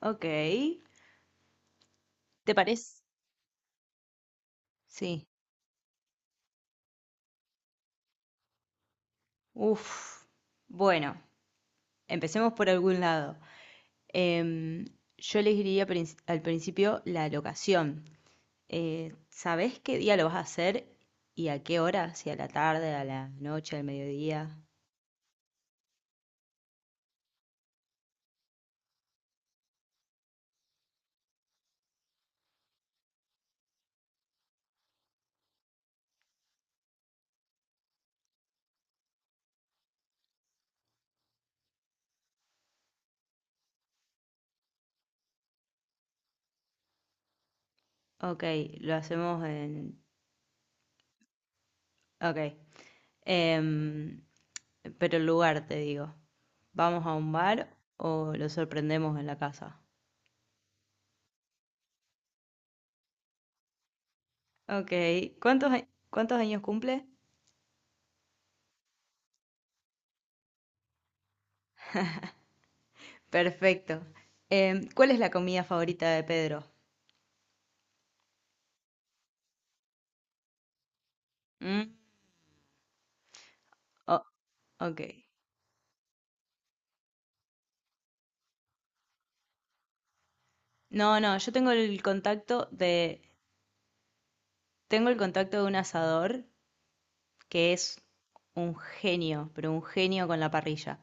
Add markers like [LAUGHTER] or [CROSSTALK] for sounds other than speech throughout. Ok. ¿Te parece? Sí. Uf. Bueno, empecemos por algún lado. Em, yo elegiría al principio la locación. ¿Sabés qué día lo vas a hacer y a qué hora? Si a la tarde, a la noche, al mediodía. Ok, lo hacemos en. Ok. Em, pero el lugar, te digo. ¿Vamos a un bar o lo sorprendemos en la casa? Ok. ¿Cuántos, cuántos años cumple? Perfecto. ¿Cuál es la comida favorita de Pedro? ¿Mm? Oh, ok. No, no, yo tengo el contacto de un asador que es un genio, pero un genio con la parrilla.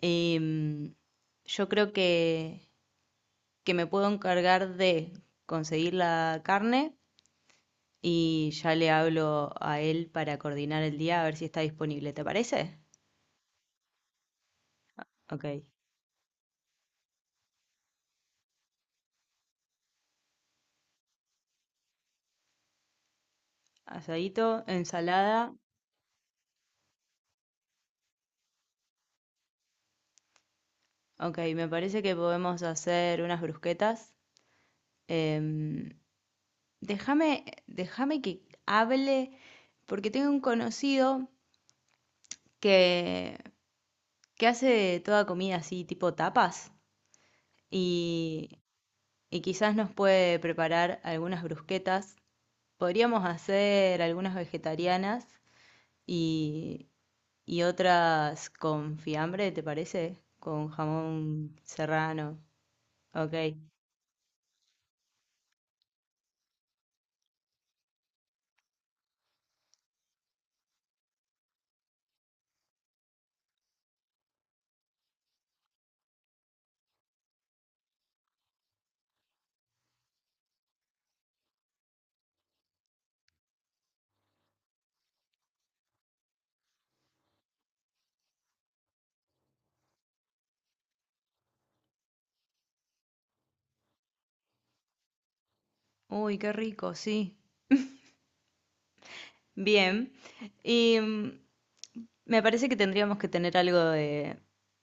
Em, yo creo que me puedo encargar de conseguir la carne y ya le hablo a él para coordinar el día a ver si está disponible. ¿Te parece? Ok. Asadito, ensalada. Ok, me parece que podemos hacer unas brusquetas. Em, déjame, déjame que hable, porque tengo un conocido que, que hace toda comida así, tipo tapas, y, y quizás nos puede preparar algunas brusquetas. Podríamos hacer algunas vegetarianas y, y otras con fiambre, ¿te parece? Con jamón serrano. Ok. Uy, qué rico, sí. Bien, y me parece que tendríamos que tener algo de,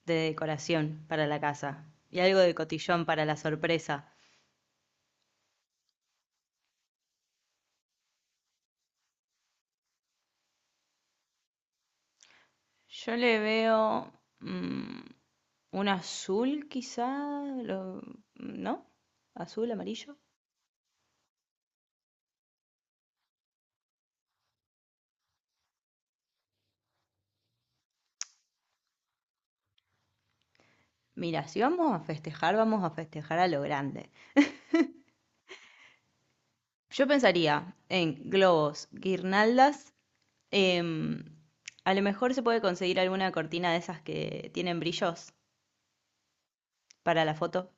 de decoración para la casa y algo de cotillón para la sorpresa. Yo le veo mm, un azul quizá, lo- ¿no? Azul, amarillo. Mira, si vamos a festejar, vamos a festejar a lo grande. Yo pensaría en globos, guirnaldas, em, a lo mejor se puede conseguir alguna cortina de esas que tienen brillos para la foto.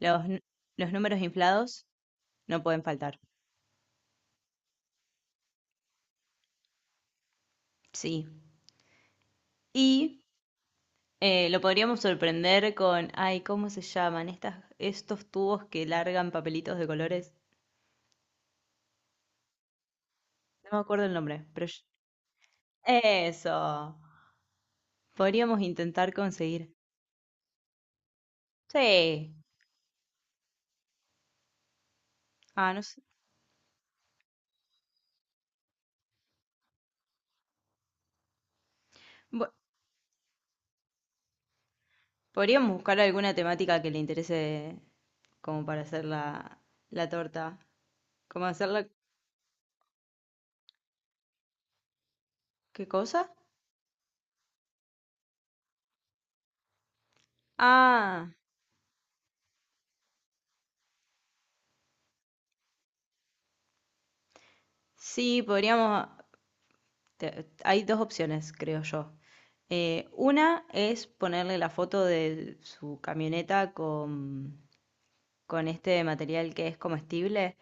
Los, n- los números inflados no pueden faltar. Sí. Y lo podríamos sorprender con, ay, ¿cómo se llaman? Estos tubos que largan papelitos de colores. No me acuerdo el nombre, pero eso. Podríamos intentar conseguir. Sí. Ah, no sé. Bu- Podríamos buscar alguna temática que le interese como para hacer la torta. ¿Cómo hacerla? ¿Qué cosa? Ah, sí, podríamos. Hay dos opciones, creo yo. Una es ponerle la foto de su camioneta con este material que es comestible.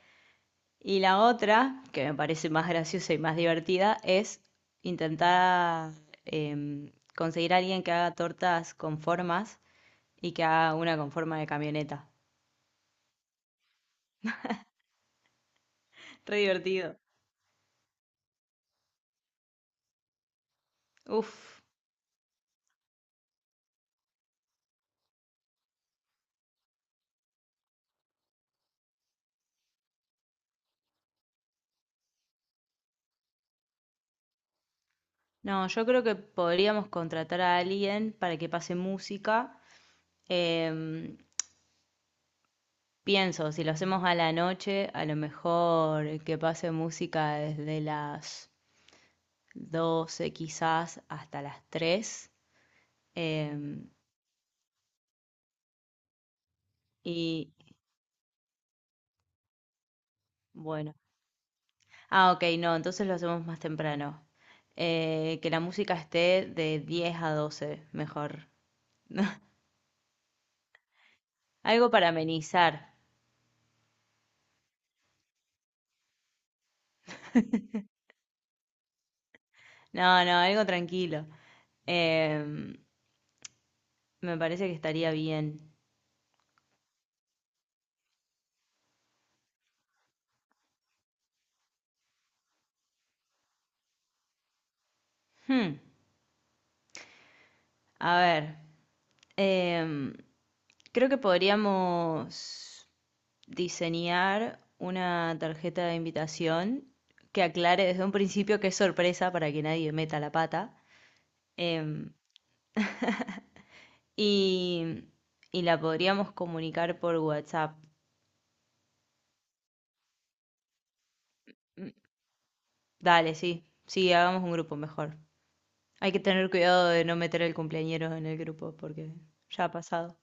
Y la otra, que me parece más graciosa y más divertida, es intentar conseguir a alguien que haga tortas con formas y que haga una con forma de camioneta. [LAUGHS] Re divertido. Uf. No, yo creo que podríamos contratar a alguien para que pase música. em, Pienso, si lo hacemos a la noche, a lo mejor que pase música desde las 12 quizás hasta las 3 em, y bueno, ah, ok, no, entonces lo hacemos más temprano. Que la música esté de 10 a 12 mejor. [LAUGHS] Algo para amenizar. No, no, algo tranquilo. Em, me parece que estaría bien. Hmm, a ver, em, creo que podríamos diseñar una tarjeta de invitación que aclare desde un principio que es sorpresa para que nadie meta la pata. Em, y, y la podríamos comunicar por WhatsApp. Dale, sí, sí, hagamos un grupo mejor. Hay que tener cuidado de no meter el cumpleañero en el grupo porque ya ha pasado.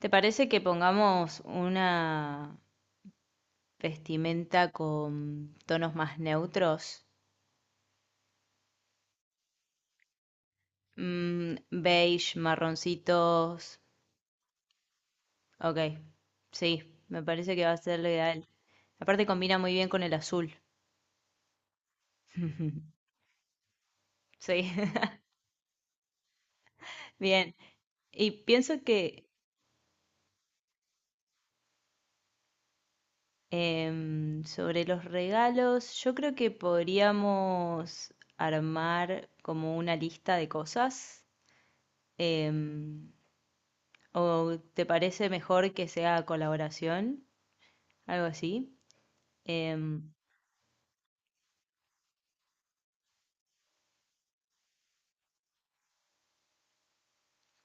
¿Te parece que pongamos una vestimenta con tonos más neutros? Beige, marroncitos. Ok, sí, me parece que va a ser lo ideal. Aparte combina muy bien con el azul, sí, [LAUGHS] bien. Y pienso que sobre los regalos, yo creo que podríamos armar como una lista de cosas. em, ¿o te parece mejor que sea colaboración? Algo así. Em,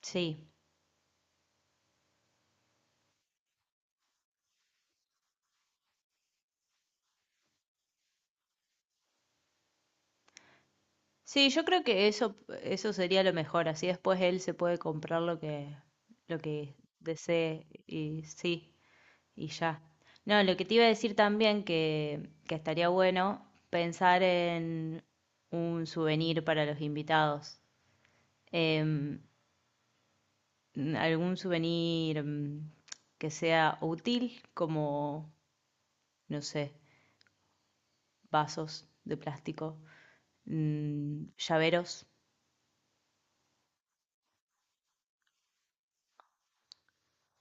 sí. Sí, yo creo que eso sería lo mejor, así después él se puede comprar lo que desee y sí, y ya. No, lo que te iba a decir también que estaría bueno pensar en un souvenir para los invitados. Em, algún souvenir que sea útil, como, no sé, vasos de plástico, llaveros.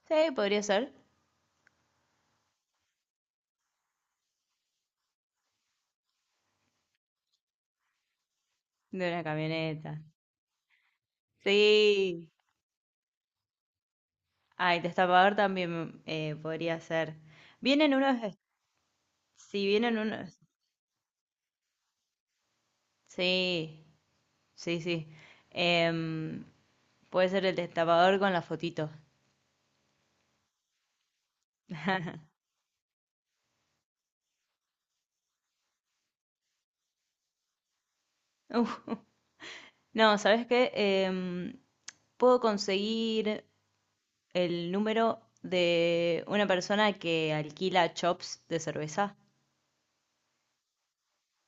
Sí, podría ser. De una camioneta. Sí, ay, destapador también podría ser. Vienen unos, sí, vienen unos, sí, sí, sí. Em, puede ser el destapador con la fotito. Uf, no, ¿sabes qué? Puedo conseguir el número de una persona que alquila chops de cerveza.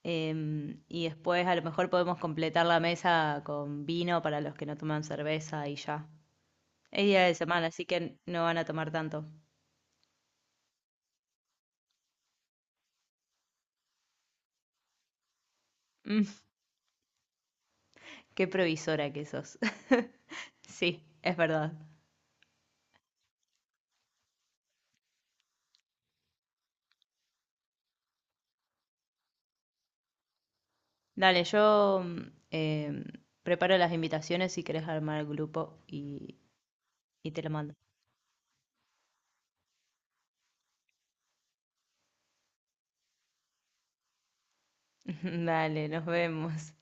Y después a lo mejor podemos completar la mesa con vino para los que no toman cerveza y ya. Es día de semana, así que no van a tomar tanto. Mm, qué provisora que sos. [LAUGHS] Sí, es verdad. Dale, yo em, preparo las invitaciones si querés armar el grupo y te lo mando. [LAUGHS] Dale, nos vemos.